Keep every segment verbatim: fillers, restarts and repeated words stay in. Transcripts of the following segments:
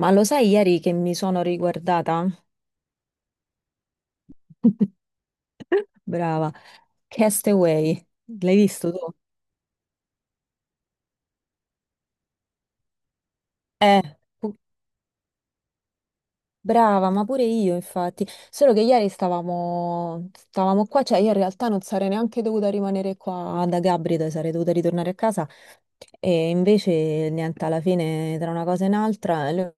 Ma lo sai ieri che mi sono riguardata? Brava. Castaway, l'hai visto tu? Eh, pu- brava, ma pure io infatti. Solo che ieri stavamo, stavamo qua, cioè io in realtà non sarei neanche dovuta rimanere qua da Gabrida, sarei dovuta ritornare a casa e invece niente, alla fine tra una cosa e un'altra, lui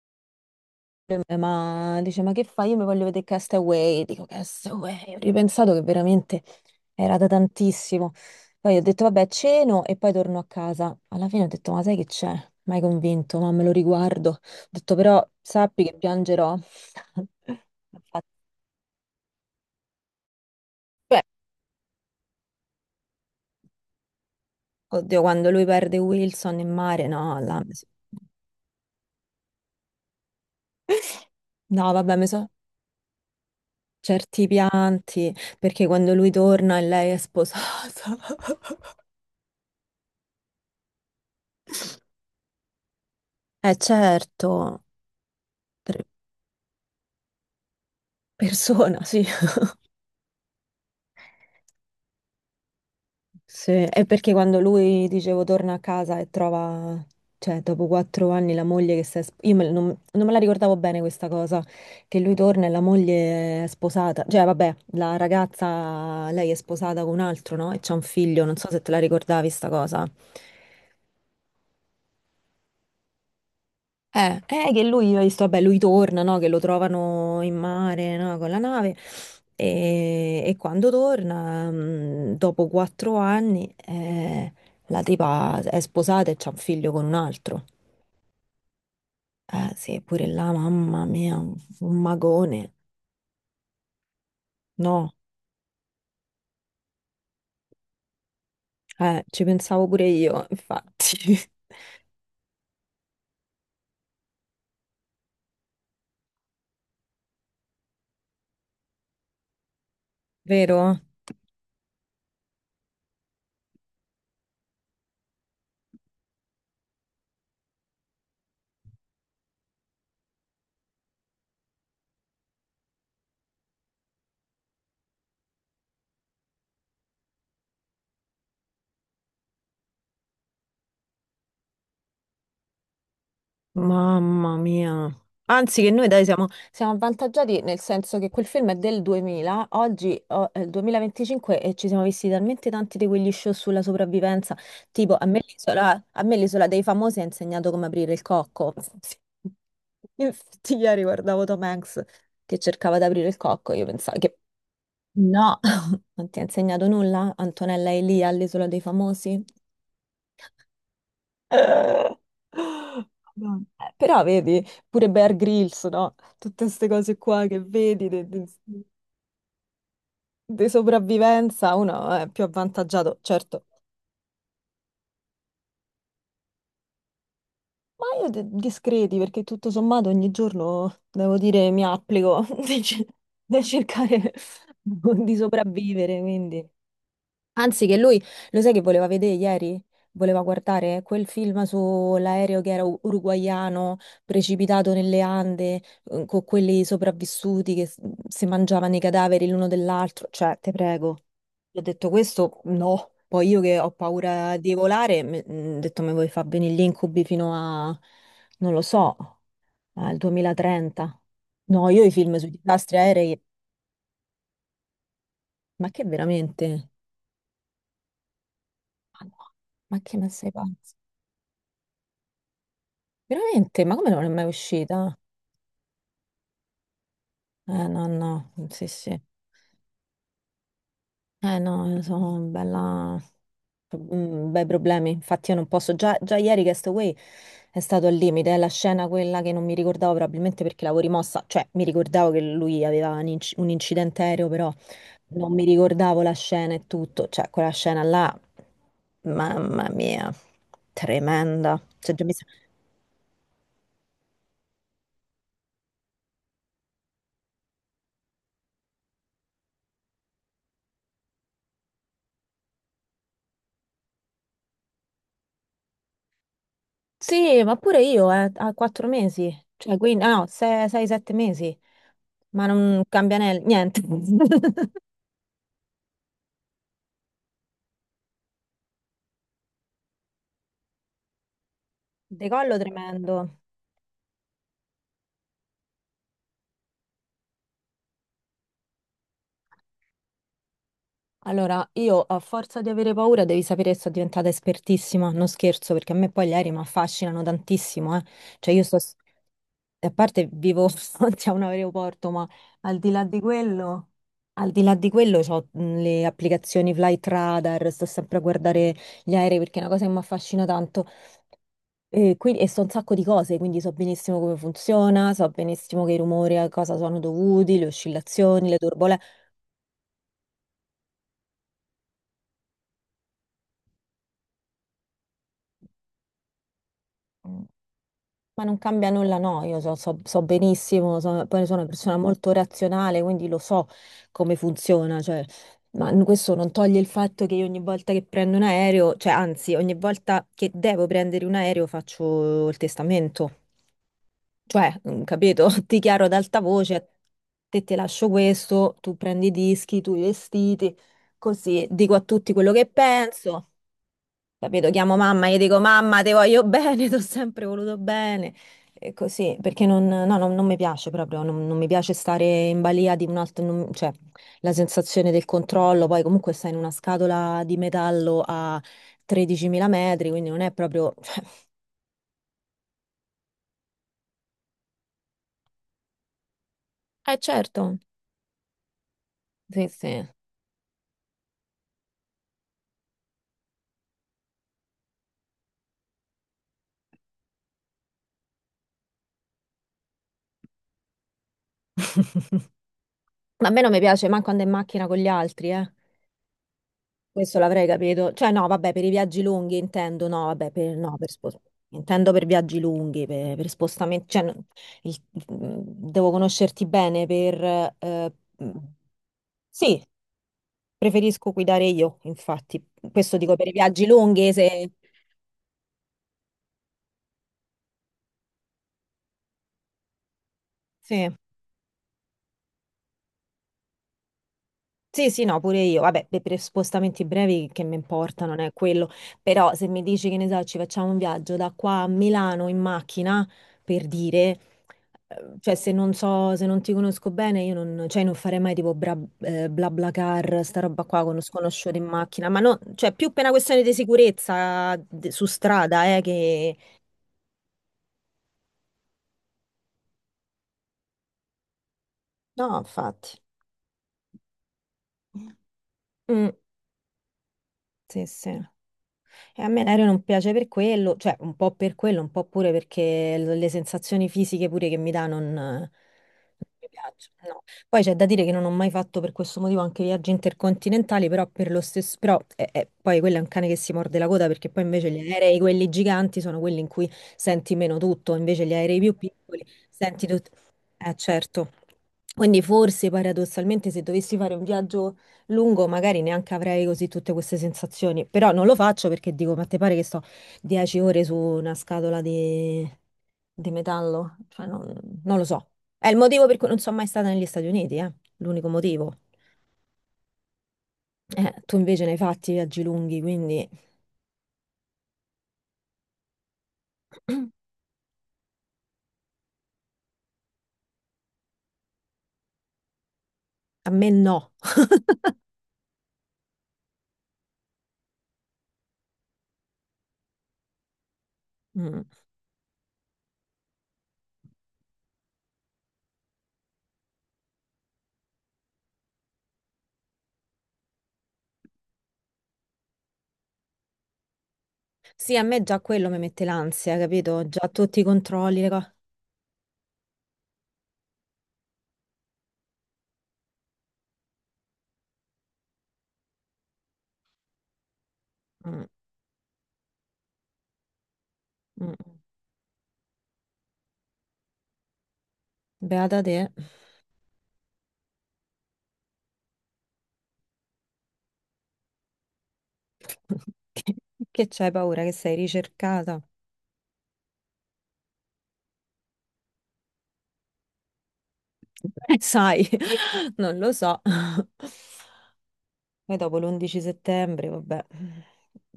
mi- ma dice ma che fai? Io mi voglio vedere Castaway, dico Castaway, ho ripensato che veramente. Era da tantissimo. Poi ho detto, vabbè, ceno e poi torno a casa. Alla fine ho detto, ma sai che c'è? Mai convinto, ma me lo riguardo. Ho detto, però sappi che piangerò. Infatti. Beh. Oddio, quando lui perde Wilson in mare, no, là, mi so- no, vabbè, mi so certi pianti, perché quando lui torna e lei è sposata. Eh certo, per- persona, sì. Sì, è perché quando lui, dicevo, torna a casa e trova, cioè, dopo quattro anni la moglie che si è— sp- Io me- non, non me la ricordavo bene questa cosa, che lui torna e la moglie è sposata, cioè, vabbè, la ragazza, lei è sposata con un altro, no? E c'ha un figlio, non so se te la ricordavi sta cosa. Eh, eh, che lui, hai visto, vabbè, lui torna, no? Che lo trovano in mare, no? Con la nave. E, e quando torna, mm, dopo quattro anni, eh, la tipa è sposata e c'ha un figlio con un altro. Eh, sì, pure là, mamma mia, un, un magone. No, eh, ci pensavo pure io, infatti. Vero? Mamma mia. Anzi, che noi dai siamo, siamo avvantaggiati nel senso che quel film è del duemila, oggi oh, è il duemilaventicinque e ci siamo visti talmente tanti di quegli show sulla sopravvivenza. Tipo, a me l'isola, a me l'Isola dei famosi ha insegnato come aprire il cocco. Infatti, ieri guardavo Tom Hanks che cercava di aprire il cocco. Io pensavo che no, non ti ha insegnato nulla, Antonella Elia all'Isola dei famosi? Madonna. Eh, Però vedi, pure Bear Grylls, no? Tutte queste cose qua che vedi di sopravvivenza, uno è più avvantaggiato, certo. Ma io de- discreti, perché tutto sommato ogni giorno, devo dire, mi applico nel cer- nel cercare di sopravvivere, quindi. Anzi, che lui, lo sai che voleva vedere ieri? Voleva guardare quel film sull'aereo che era u- uruguaiano, precipitato nelle Ande, eh, con quelli sopravvissuti che s- si mangiavano i cadaveri l'uno dell'altro. Cioè, te prego. Gli ho detto questo? No. Poi io che ho paura di volare, mi- mm, ho detto mi vuoi far venire gli incubi fino a, non lo so, al duemilatrenta. No, io i film sui disastri aerei, ma che veramente? Ma no, ma che me sei pazzo? Veramente? Ma come non è mai uscita? Eh no, no, sì sì. Eh no, sono bella. Mm, bei problemi, infatti io non posso. Già, già ieri Castaway è stato al limite, è la scena quella che non mi ricordavo probabilmente perché l'avevo rimossa, cioè mi ricordavo che lui aveva un, inc- un incidente aereo, però non mi ricordavo la scena e tutto, cioè quella scena là, mamma mia, tremenda. Cioè, già mi sa- sì, ma pure io, eh, a quattro mesi, cioè, quindi, ah, no, sei, sei, sette mesi, ma non cambia ne- niente. Decollo tremendo. Allora, io a forza di avere paura, devi sapere che sono diventata espertissima, non scherzo, perché a me poi gli aerei mi affascinano tantissimo, eh. Cioè, io sto, s- a parte vivo davanti a un aeroporto, ma al di là di quello, al di là di quello, ho le applicazioni Flight Radar, sto sempre a guardare gli aerei perché è una cosa che mi affascina tanto. E, quindi, e so un sacco di cose, quindi so benissimo come funziona, so benissimo che i rumori a cosa sono dovuti, le oscillazioni, le turbolenze. Mm. Ma non cambia nulla, no, io so, so- so benissimo, so- poi sono una persona molto razionale, quindi lo so come funziona, cioè, ma n- questo non toglie il fatto che io ogni volta che prendo un aereo, cioè anzi, ogni volta che devo prendere un aereo faccio il testamento. Cioè, mm, capito? Ti chiaro ad alta voce, a te ti lascio questo, tu prendi i dischi, tu i vestiti, così dico a tutti quello che penso, capito? Chiamo mamma, gli dico mamma, ti voglio bene, ti ho sempre voluto bene, e così, perché non, no, non, non mi piace proprio, non, non mi piace stare in balia di un altro, non- cioè, la sensazione del controllo, poi comunque stai in una scatola di metallo a tredicimila metri, quindi non è proprio. Eh certo, sì, sì. Ma a me non mi piace manco andare in macchina con gli altri, eh. Questo l'avrei capito. Cioè, no, vabbè, per i viaggi lunghi intendo, no, vabbè, per, no, per spos- intendo per viaggi lunghi, per, per, spostamenti. Cioè, no, il- mm, devo conoscerti bene per. Eh, mm, sì, preferisco guidare io, infatti. Questo dico per i viaggi lunghi, se. Sì. Sì, sì, no, pure io. Vabbè, per per spostamenti brevi che mi importa, non è quello. Però se mi dici che ne so, ci facciamo un viaggio da qua a Milano in macchina, per dire, eh, cioè se non so, se non ti conosco bene, io non, cioè, non farei mai tipo bla, eh, BlaBlaCar, sta roba qua con lo sconosciuto in macchina. Ma no, cioè più per una questione di sicurezza de- su strada, eh, che. No, infatti. Mm, sì, sì. E a me l'aereo non piace per quello, cioè un po' per quello, un po' pure perché l- le sensazioni fisiche pure che mi dà non, non mi piacciono. No. Poi c'è da dire che non ho mai fatto per questo motivo anche viaggi intercontinentali, però per lo stesso, però eh, eh, poi quello è un cane che si morde la coda perché poi invece gli aerei, quelli giganti, sono quelli in cui senti meno tutto, invece gli aerei più piccoli senti tutto. Eh certo. Quindi forse paradossalmente se dovessi fare un viaggio lungo magari neanche avrei così tutte queste sensazioni, però non lo faccio perché dico, ma te pare che sto dieci ore su una scatola di, di metallo? Cioè, non, non lo so. È il motivo per cui non sono mai stata negli Stati Uniti, eh? L'unico motivo. Eh, tu invece ne hai fatti viaggi lunghi, quindi a me no. Mm. Sì, a me già quello mi mette l'ansia, capito? Già tutti i controlli, le cose. Mm, mm. Beata te, che che c'hai paura che sei ricercata. Eh, sai, non lo so. Poi dopo l'undici settembre, vabbè.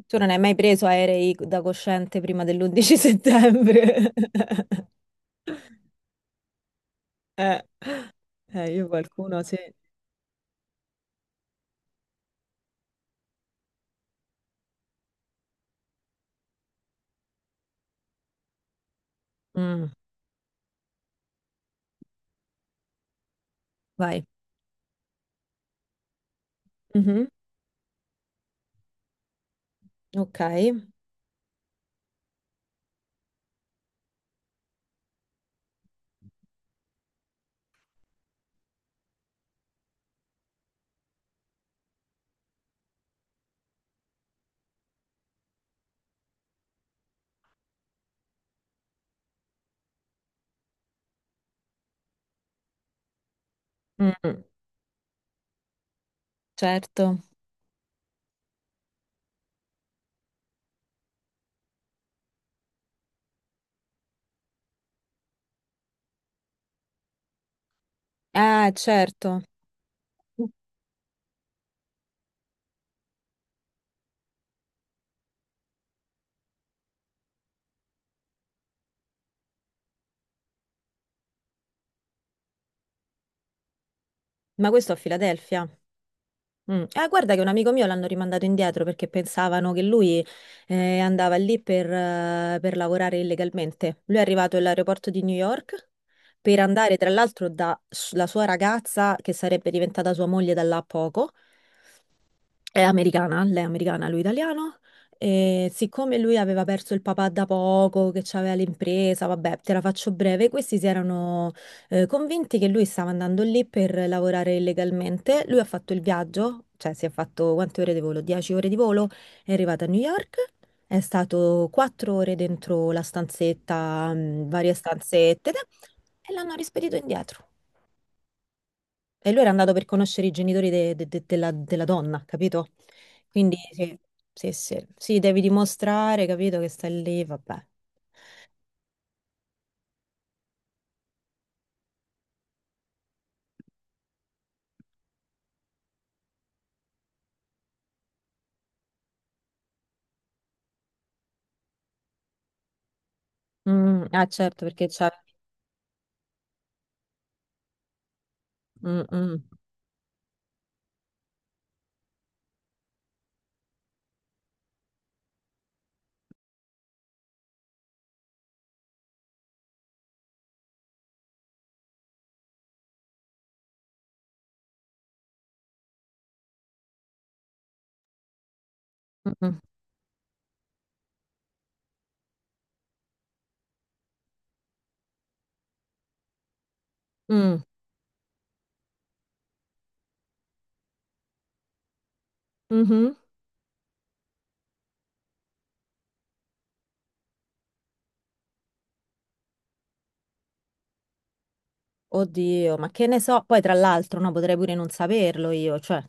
Tu non hai mai preso aerei da cosciente prima dell'undici settembre? Eh, eh, io qualcuno sì. Mm, vai. Mhm, ok. Mm, certo. Ah, certo. Ma questo a Filadelfia? Mm. Eh, guarda che un amico mio l'hanno rimandato indietro perché pensavano che lui eh, andava lì per, eh, per lavorare illegalmente. Lui è arrivato all'aeroporto di New York per andare, tra l'altro, da s- la sua ragazza, che sarebbe diventata sua moglie da là a poco, è americana, lei è americana, lui italiano. E siccome lui aveva perso il papà da poco, che aveva l'impresa, vabbè, te la faccio breve, questi si erano eh, convinti che lui stava andando lì per lavorare illegalmente. Lui ha fatto il viaggio, cioè si è fatto quante ore di volo? dieci ore di volo, è arrivato a New York, è stato quattro ore dentro la stanzetta, mh, varie stanzette, ed è- e l'hanno rispedito indietro. E lui era andato per conoscere i genitori de- de- de- della, della donna, capito? Quindi sì, sì, sì, sì, devi dimostrare, capito, che stai lì, vabbè. Mm, ah, certo, perché c'è. Mm, mm, mm, mm, mhm. Oddio, ma che ne so? Poi tra l'altro, no, potrei pure non saperlo io, cioè.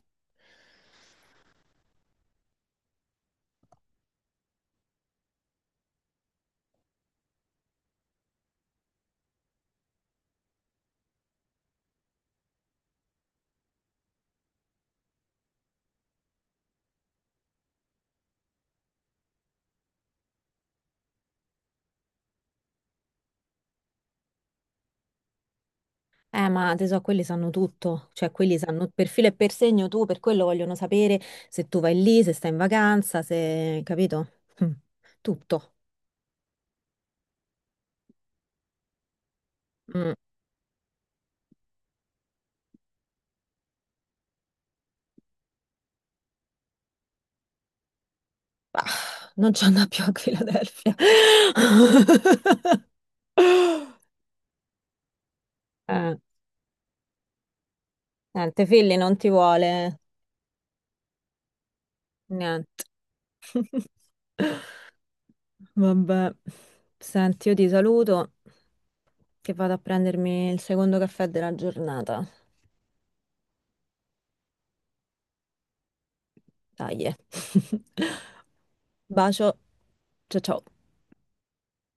Eh, ma te so, quelli sanno tutto, cioè quelli sanno per filo e per segno tu, per quello vogliono sapere se tu vai lì, se stai in vacanza, se, capito? Mm, tutto. Mm, bah, non c'è una più a Philadelphia. Eh, niente, Philly non ti vuole niente. Vabbè, senti, io ti saluto che vado a prendermi il secondo caffè della giornata. Dai. Eh. Bacio. Ciao ciao.